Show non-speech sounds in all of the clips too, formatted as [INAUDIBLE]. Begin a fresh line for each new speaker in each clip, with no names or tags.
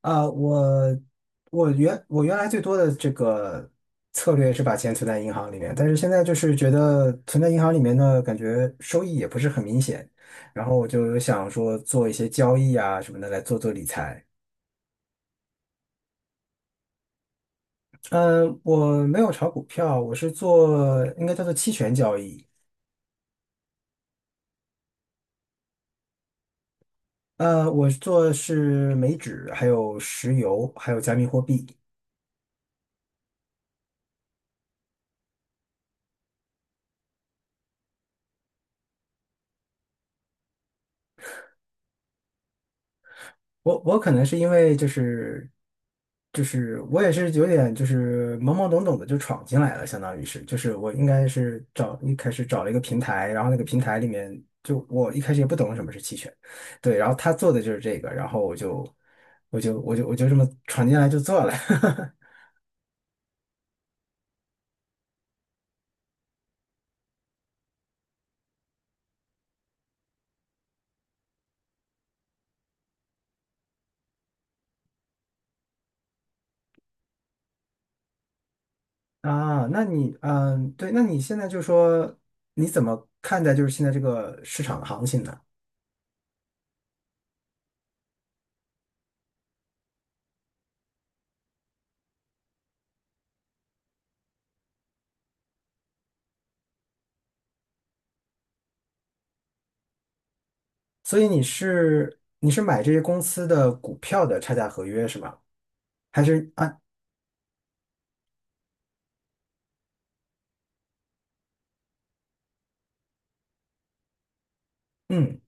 啊，我原来最多的这个策略是把钱存在银行里面，但是现在就是觉得存在银行里面呢，感觉收益也不是很明显，然后我就想说做一些交易啊什么的来做做理财。嗯，我没有炒股票，我是做应该叫做期权交易。呃，我做的是美指，还有石油，还有加密货币。我可能是因为就是我也是有点就是懵懵懂懂的就闯进来了，相当于是就是我应该是找一开始找了一个平台，然后那个平台里面就我一开始也不懂什么是期权，对，然后他做的就是这个，然后我就这么闯进来就做了。 [LAUGHS] 啊，那你嗯对，那你现在就说你怎么看待就是现在这个市场的行情呢？所以你是买这些公司的股票的差价合约是吗？还是啊，嗯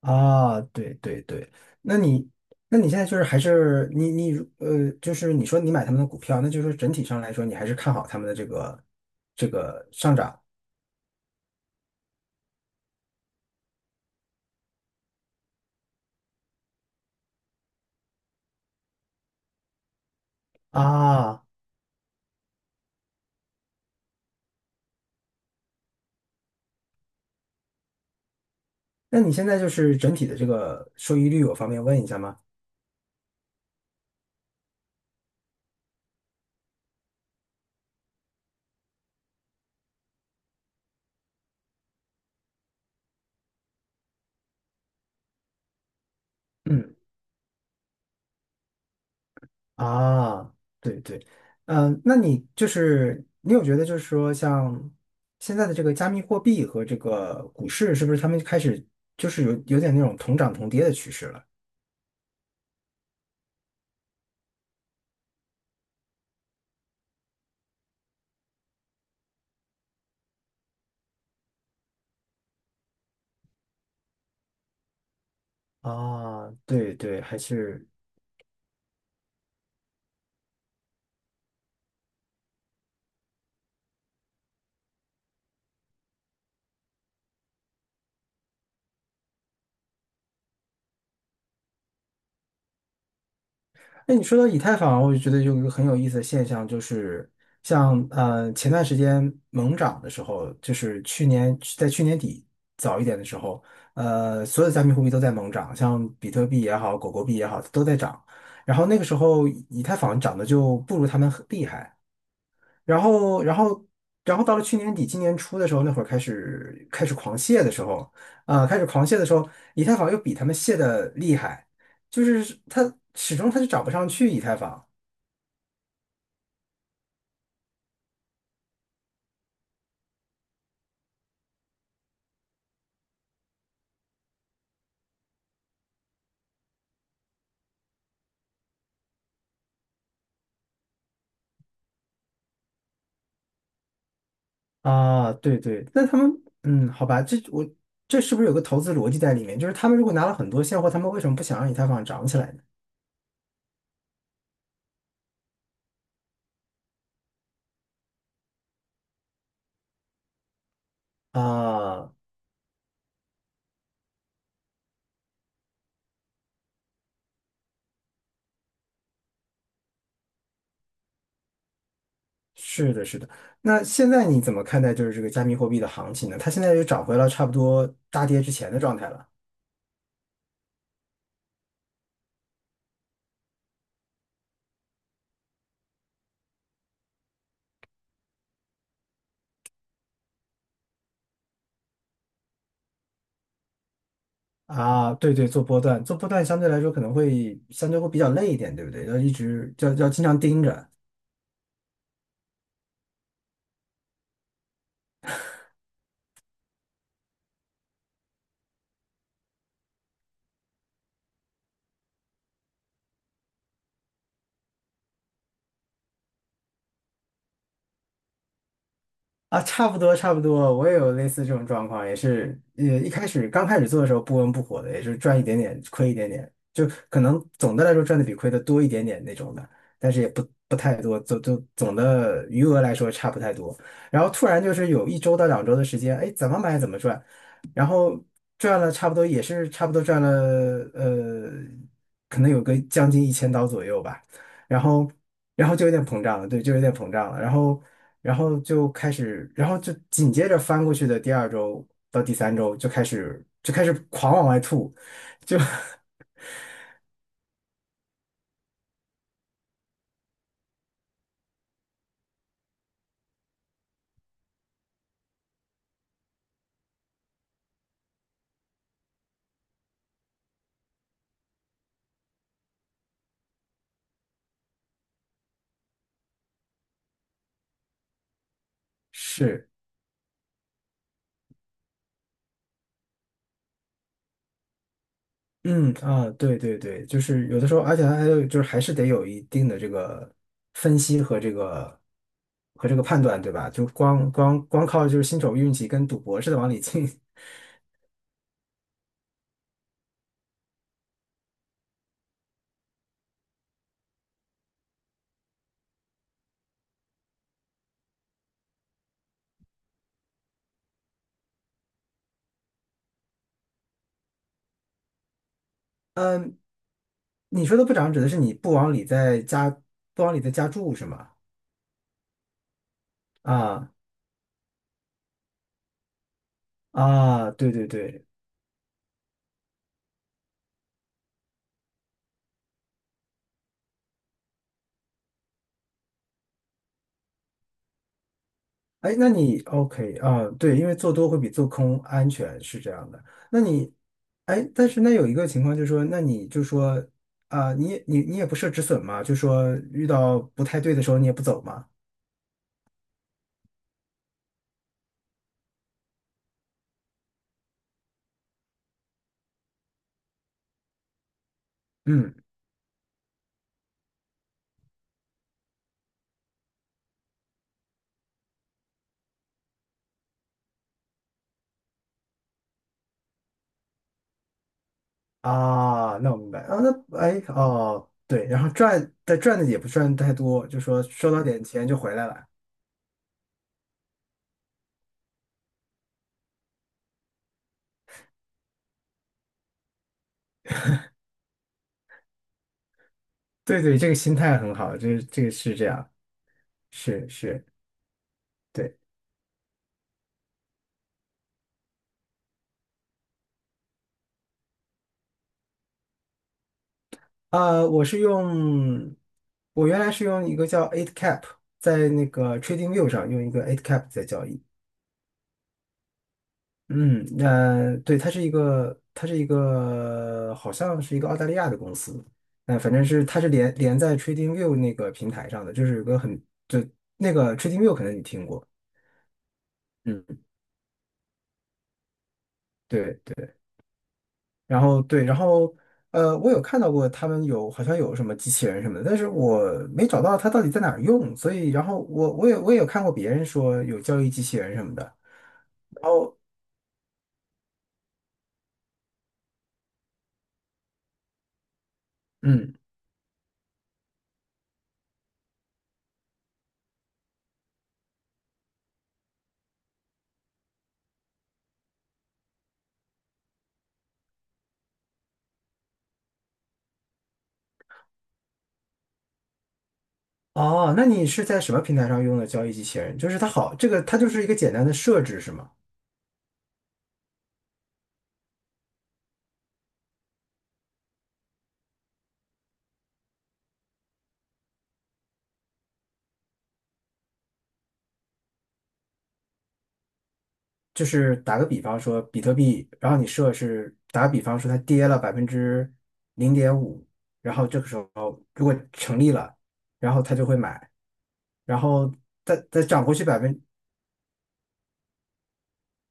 啊，对对对，那你那你现在就是还是你你呃，就是你说你买他们的股票，那就是说整体上来说，你还是看好他们的这个这个上涨啊？那你现在就是整体的这个收益率，我方便问一下吗？嗯啊，对对，嗯、那你就是你有觉得就是说像现在的这个加密货币和这个股市，是不是他们开始就是有点那种同涨同跌的趋势了？啊，对对，还是，哎，你说到以太坊，我就觉得有一个很有意思的现象，就是像呃前段时间猛涨的时候，就是去年在去年底早一点的时候，呃，所有的加密货币都在猛涨，像比特币也好，狗狗币也好，都在涨。然后那个时候以太坊涨的就不如他们很厉害，然后，然后，然后到了去年底、今年初的时候，那会儿开始狂泻的时候，啊、开始狂泻的时候，以太坊又比他们泻的厉害，就是它始终它就涨不上去以太坊啊，对对，那他们嗯，好吧，这是不是有个投资逻辑在里面？就是他们如果拿了很多现货，他们为什么不想让以太坊涨起来呢？啊，是的，是的。那现在你怎么看待就是这个加密货币的行情呢？它现在又涨回了差不多大跌之前的状态了。啊，对对，做波段，做波段相对来说可能会相对会比较累一点，对不对？要一直要经常盯着。啊，差不多差不多，我也有类似这种状况，也是，呃，一开始刚开始做的时候不温不火的，也是赚一点点，亏一点点，就可能总的来说赚的比亏的多一点点那种的，但是也不太多，总就总的余额来说差不太多。然后突然就是有1周到2周的时间，哎，怎么买怎么赚，然后赚了差不多也是差不多赚了，呃，可能有个将近1000刀左右吧，然后。然后就有点膨胀了，对，就有点膨胀了，然后，然后就开始，然后就紧接着翻过去的第二周到第三周就开始狂往外吐，就 [LAUGHS] 是，嗯啊，对对对，就是有的时候，而且它还有就是还是得有一定的这个分析和这个和这个判断，对吧？就光靠就是新手运气跟赌博似的往里进，[LAUGHS] 嗯，你说的不涨指的是你不往里再加不往里再加注是吗？啊。啊，对对对，哎，那你 OK 啊？对，因为做多会比做空安全，是这样的。那你，哎，但是那有一个情况就是说，那你就说啊，你也不设止损嘛，就说遇到不太对的时候你也不走嘛。嗯啊，那我明白啊。那哎哦，对，然后赚但赚的也不赚太多，就说收到点钱就回来了。对对，这个心态很好，这个是这样，是是。对。呃，我是用，我原来是用一个叫 i 8cap,在那个 TradingView 上用一个 i 8cap 在交易。嗯，那、对，它是一个，它是一个，好像是一个澳大利亚的公司。那、反正是它是连在 TradingView 那个平台上的，就是有个很，就那个 TradingView 可能你听过。嗯，对对。然后对，然后呃，我有看到过他们有好像有什么机器人什么的，但是我没找到它到底在哪儿用，所以然后我也有看过别人说有交易机器人什么的，然后嗯，哦，那你是在什么平台上用的交易机器人？就是它好，这个它就是一个简单的设置是吗？就是打个比方说比特币，然后你设是打个比方说它跌了0.5%，然后这个时候如果成立了，然后它就会买。然后再涨回去百分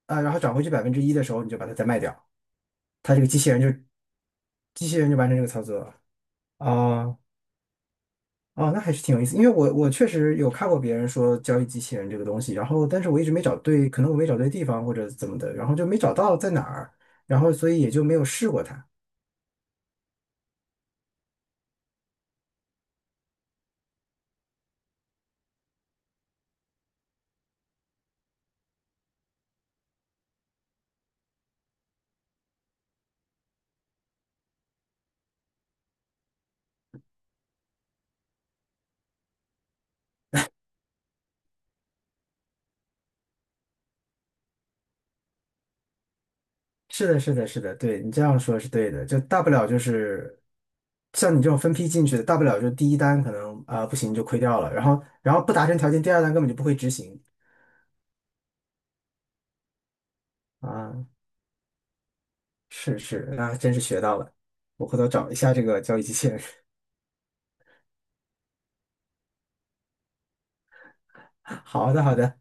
啊，然后涨回去1%的时候，你就把它再卖掉，它这个机器人就机器人就完成这个操作啊啊哦那还是挺有意思，因为我我确实有看过别人说交易机器人这个东西，然后但是我一直没找对，可能我没找对地方或者怎么的，然后就没找到在哪儿，然后所以也就没有试过它。是的，是的，是的，对你这样说是对的，就大不了就是像你这种分批进去的，大不了就第一单可能啊、不行就亏掉了，然后不达成条件，第二单根本就不会执行啊。是是，那还真是学到了，我回头找一下这个交易机器人。[LAUGHS] 好的好的，